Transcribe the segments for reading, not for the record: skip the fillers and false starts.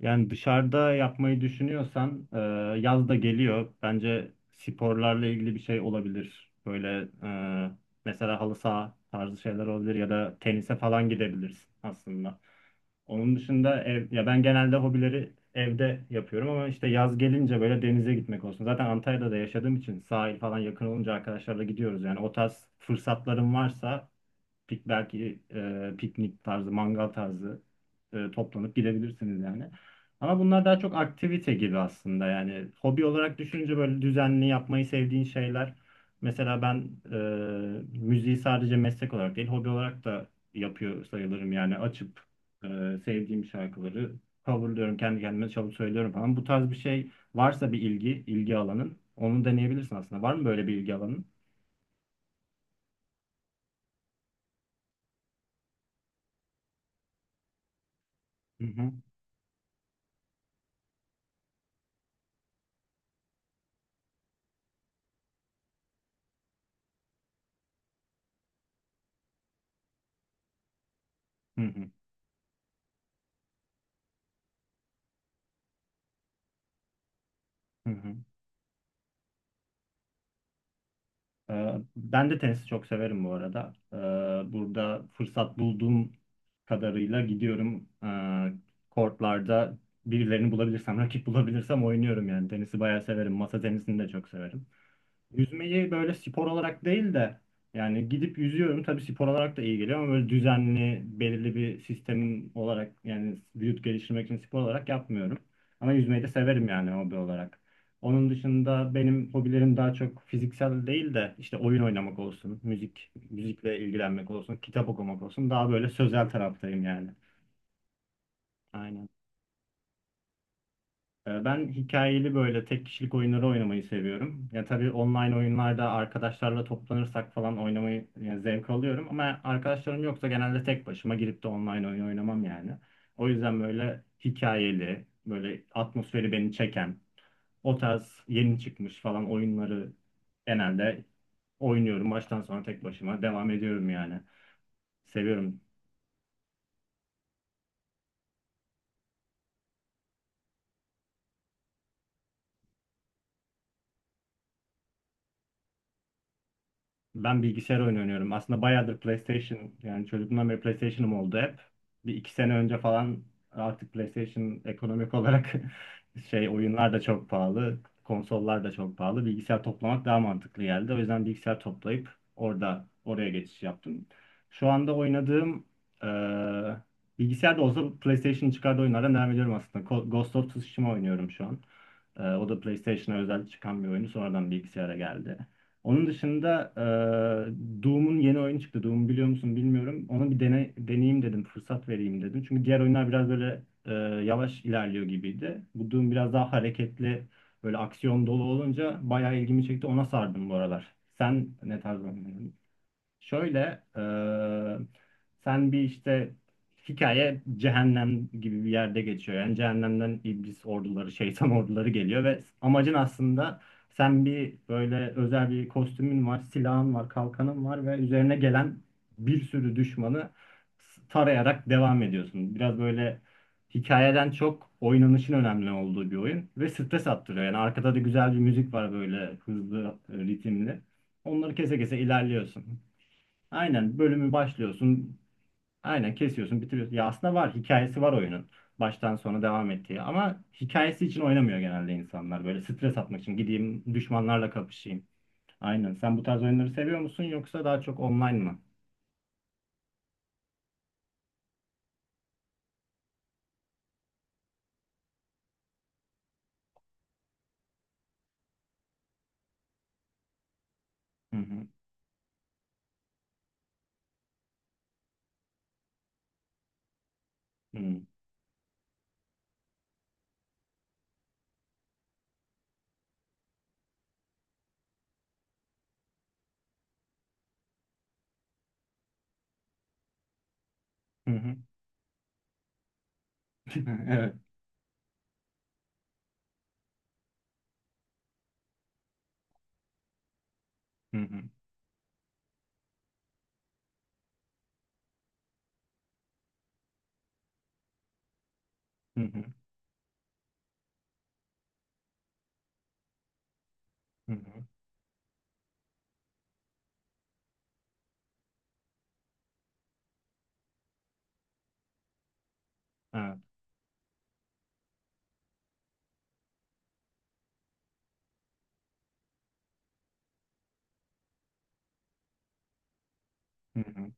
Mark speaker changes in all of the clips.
Speaker 1: Yani dışarıda yapmayı düşünüyorsan yaz da geliyor. Bence sporlarla ilgili bir şey olabilir. Böyle e, mesela halı saha tarzı şeyler olabilir ya da tenise falan gidebilirsin aslında. Onun dışında ev, ya ben genelde hobileri evde yapıyorum ama işte yaz gelince böyle denize gitmek olsun. Zaten Antalya'da da yaşadığım için sahil falan yakın olunca arkadaşlarla gidiyoruz. Yani o tarz fırsatlarım varsa piknik tarzı, mangal tarzı toplanıp gidebilirsiniz yani. Ama bunlar daha çok aktivite gibi aslında yani hobi olarak düşününce böyle düzenli yapmayı sevdiğin şeyler. Mesela ben müziği sadece meslek olarak değil hobi olarak da yapıyor sayılırım yani açıp sevdiğim şarkıları coverlıyorum kendi kendime çalıp söylüyorum falan. Bu tarz bir şey varsa bir ilgi alanın onu deneyebilirsin aslında. Var mı böyle bir ilgi alanın? Hı hı. Hı hı. Hı hı. Ben de tenisi çok severim bu arada. Burada fırsat bulduğum kadarıyla gidiyorum. Kortlarda birilerini bulabilirsem, rakip bulabilirsem oynuyorum yani. Tenisi bayağı severim. Masa tenisini de çok severim. Yüzmeyi böyle spor olarak değil de yani gidip yüzüyorum tabii spor olarak da iyi geliyor ama böyle düzenli belirli bir sistemin olarak yani vücut geliştirmek için spor olarak yapmıyorum. Ama yüzmeyi de severim yani hobi olarak. Onun dışında benim hobilerim daha çok fiziksel değil de işte oyun oynamak olsun, müzikle ilgilenmek olsun, kitap okumak olsun. Daha böyle sözel taraftayım yani. Aynen. Ben hikayeli böyle tek kişilik oyunları oynamayı seviyorum. Ya tabii online oyunlarda arkadaşlarla toplanırsak falan oynamayı yani zevk alıyorum ama arkadaşlarım yoksa genelde tek başıma girip de online oyun oynamam yani. O yüzden böyle hikayeli, böyle atmosferi beni çeken, o tarz yeni çıkmış falan oyunları genelde oynuyorum. Baştan sona tek başıma devam ediyorum yani. Seviyorum. Ben bilgisayar oyunu oynuyorum. Aslında bayağıdır PlayStation yani çocukluğumdan beri PlayStation'ım oldu hep. Bir iki sene önce falan artık PlayStation ekonomik olarak şey oyunlar da çok pahalı. Konsollar da çok pahalı. Bilgisayar toplamak daha mantıklı geldi. O yüzden bilgisayar toplayıp oraya geçiş yaptım. Şu anda oynadığım eee bilgisayarda olsa PlayStation'ın çıkardığı oyunlardan devam ediyorum aslında. Ghost of Tsushima oynuyorum şu an. O da PlayStation'a özel çıkan bir oyunu. Sonradan bilgisayara geldi. Onun dışında Doom'un yeni oyunu çıktı. Doom biliyor musun bilmiyorum. Ona bir deneyeyim dedim, fırsat vereyim dedim. Çünkü diğer oyunlar biraz böyle yavaş ilerliyor gibiydi. Bu Doom biraz daha hareketli, böyle aksiyon dolu olunca bayağı ilgimi çekti. Ona sardım bu aralar. Sen ne tarz oynuyorsun? Şöyle, e, sen bir işte hikaye cehennem gibi bir yerde geçiyor. Yani cehennemden iblis orduları, şeytan orduları geliyor ve amacın aslında sen bir böyle özel bir kostümün var, silahın var, kalkanın var ve üzerine gelen bir sürü düşmanı tarayarak devam ediyorsun. Biraz böyle hikayeden çok oynanışın önemli olduğu bir oyun ve stres attırıyor. Yani arkada da güzel bir müzik var böyle hızlı, ritimli. Onları kese kese ilerliyorsun. Aynen bölümü başlıyorsun. Aynen kesiyorsun, bitiriyorsun. Ya aslında var hikayesi var oyunun. Baştan sona devam ettiği ama hikayesi için oynamıyor genelde insanlar. Böyle stres atmak için gideyim düşmanlarla kapışayım. Aynen. Sen bu tarz oyunları seviyor musun yoksa daha çok online mı? Hı hı. Hı hı. Hı hı. Evet. Hı hı. Hı hı. Hı hı. Evet. Hı hı.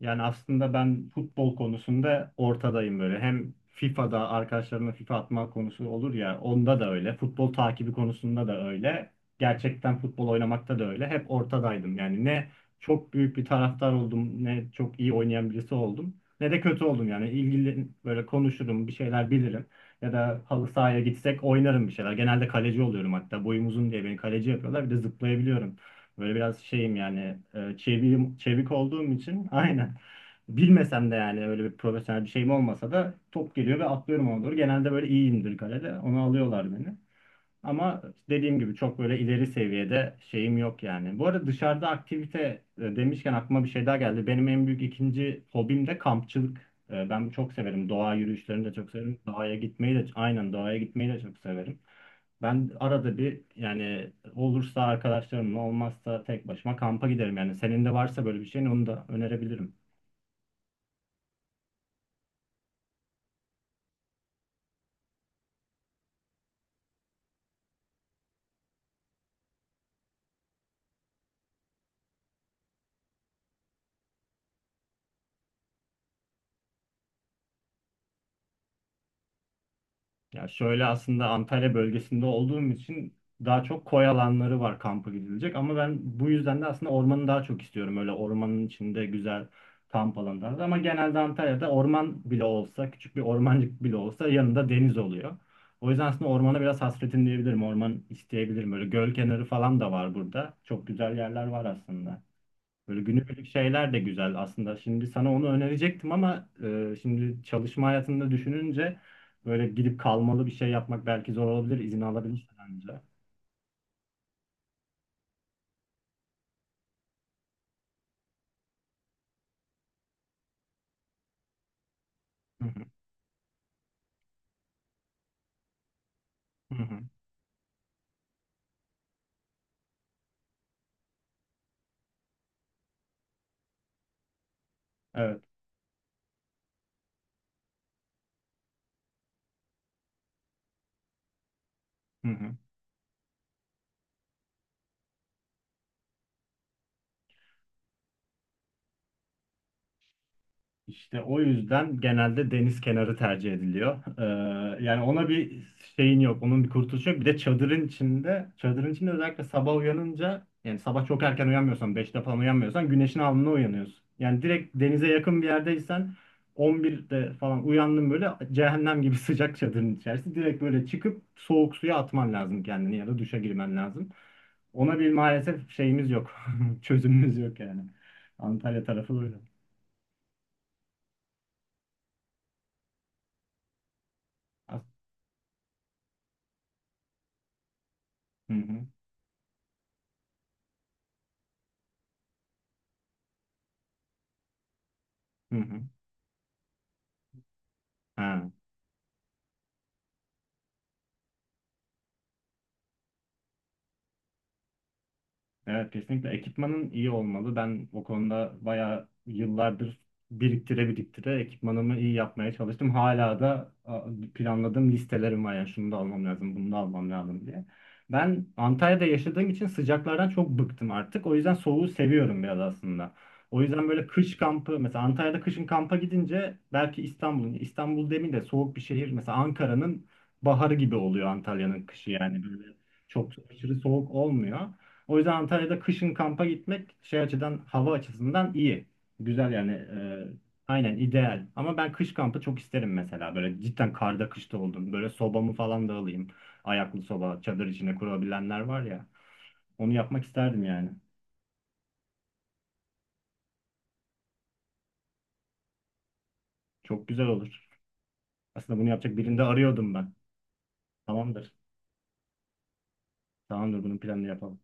Speaker 1: Yani aslında ben futbol konusunda ortadayım böyle. Hem FIFA'da arkadaşlarımla FIFA atma konusu olur ya onda da öyle. Futbol takibi konusunda da öyle. Gerçekten futbol oynamakta da öyle. Hep ortadaydım. Yani ne çok büyük bir taraftar oldum, ne çok iyi oynayan birisi oldum, ne de kötü oldum. Yani ilgili böyle konuşurum, bir şeyler bilirim. Ya da halı sahaya gitsek oynarım bir şeyler. Genelde kaleci oluyorum hatta. Boyum uzun diye beni kaleci yapıyorlar. Bir de zıplayabiliyorum. Böyle biraz şeyim yani çevik olduğum için aynen. Bilmesem de yani öyle bir profesyonel bir şeyim olmasa da top geliyor ve atlıyorum ona doğru. Genelde böyle iyiyimdir kalede. Onu alıyorlar beni. Ama dediğim gibi çok böyle ileri seviyede şeyim yok yani. Bu arada dışarıda aktivite demişken aklıma bir şey daha geldi. Benim en büyük ikinci hobim de kampçılık. Ben çok severim. Doğa yürüyüşlerini de çok severim. Doğaya gitmeyi de çok severim. Ben arada bir yani olursa arkadaşlarımla olmazsa tek başıma kampa giderim. Yani senin de varsa böyle bir şeyin onu da önerebilirim. Ya şöyle aslında Antalya bölgesinde olduğum için daha çok koy alanları var kampa gidilecek ama ben bu yüzden de aslında ormanı daha çok istiyorum. Öyle ormanın içinde güzel kamp alanları da. Ama genelde Antalya'da orman bile olsa küçük bir ormancık bile olsa yanında deniz oluyor. O yüzden aslında ormana biraz hasretim diyebilirim. Orman isteyebilirim. Böyle göl kenarı falan da var burada. Çok güzel yerler var aslında. Böyle günübirlik şeyler de güzel aslında. Şimdi sana onu önerecektim ama şimdi çalışma hayatında düşününce böyle gidip kalmalı bir şey yapmak belki zor olabilir. İzin alabilirsin önce. Hı hı. Hı hı. Evet. Hı hı. İşte o yüzden genelde deniz kenarı tercih ediliyor. Yani ona bir şeyin yok, onun bir kurtuluşu yok. Bir de çadırın içinde özellikle sabah uyanınca, yani sabah çok erken uyanmıyorsan, 5'te falan uyanmıyorsan güneşin alnına uyanıyorsun. Yani direkt denize yakın bir yerdeysen 11'de falan uyandın böyle cehennem gibi sıcak çadırın içerisinde direkt böyle çıkıp soğuk suya atman lazım kendini ya da duşa girmen lazım. Ona bir maalesef şeyimiz yok. Çözümümüz yok yani. Antalya tarafı böyle. As- Hı hı. Hı hı. Ha. Evet kesinlikle ekipmanın iyi olmalı. Ben o konuda bayağı yıllardır biriktire biriktire ekipmanımı iyi yapmaya çalıştım. Hala da planladığım listelerim var yani şunu da almam lazım, bunu da almam lazım diye. Ben Antalya'da yaşadığım için sıcaklardan çok bıktım artık. O yüzden soğuğu seviyorum biraz aslında. O yüzden böyle kış kampı mesela Antalya'da kışın kampa gidince belki İstanbul demeyeyim de soğuk bir şehir mesela Ankara'nın baharı gibi oluyor Antalya'nın kışı yani böyle çok aşırı soğuk olmuyor. O yüzden Antalya'da kışın kampa gitmek şey açıdan hava açısından iyi. Güzel yani aynen ideal. Ama ben kış kampı çok isterim mesela. Böyle cidden karda kışta oldum. Böyle sobamı falan da alayım. Ayaklı soba, çadır içine kurabilenler var ya. Onu yapmak isterdim yani. Çok güzel olur. Aslında bunu yapacak birini de arıyordum ben. Tamamdır. Tamamdır bunun planını yapalım.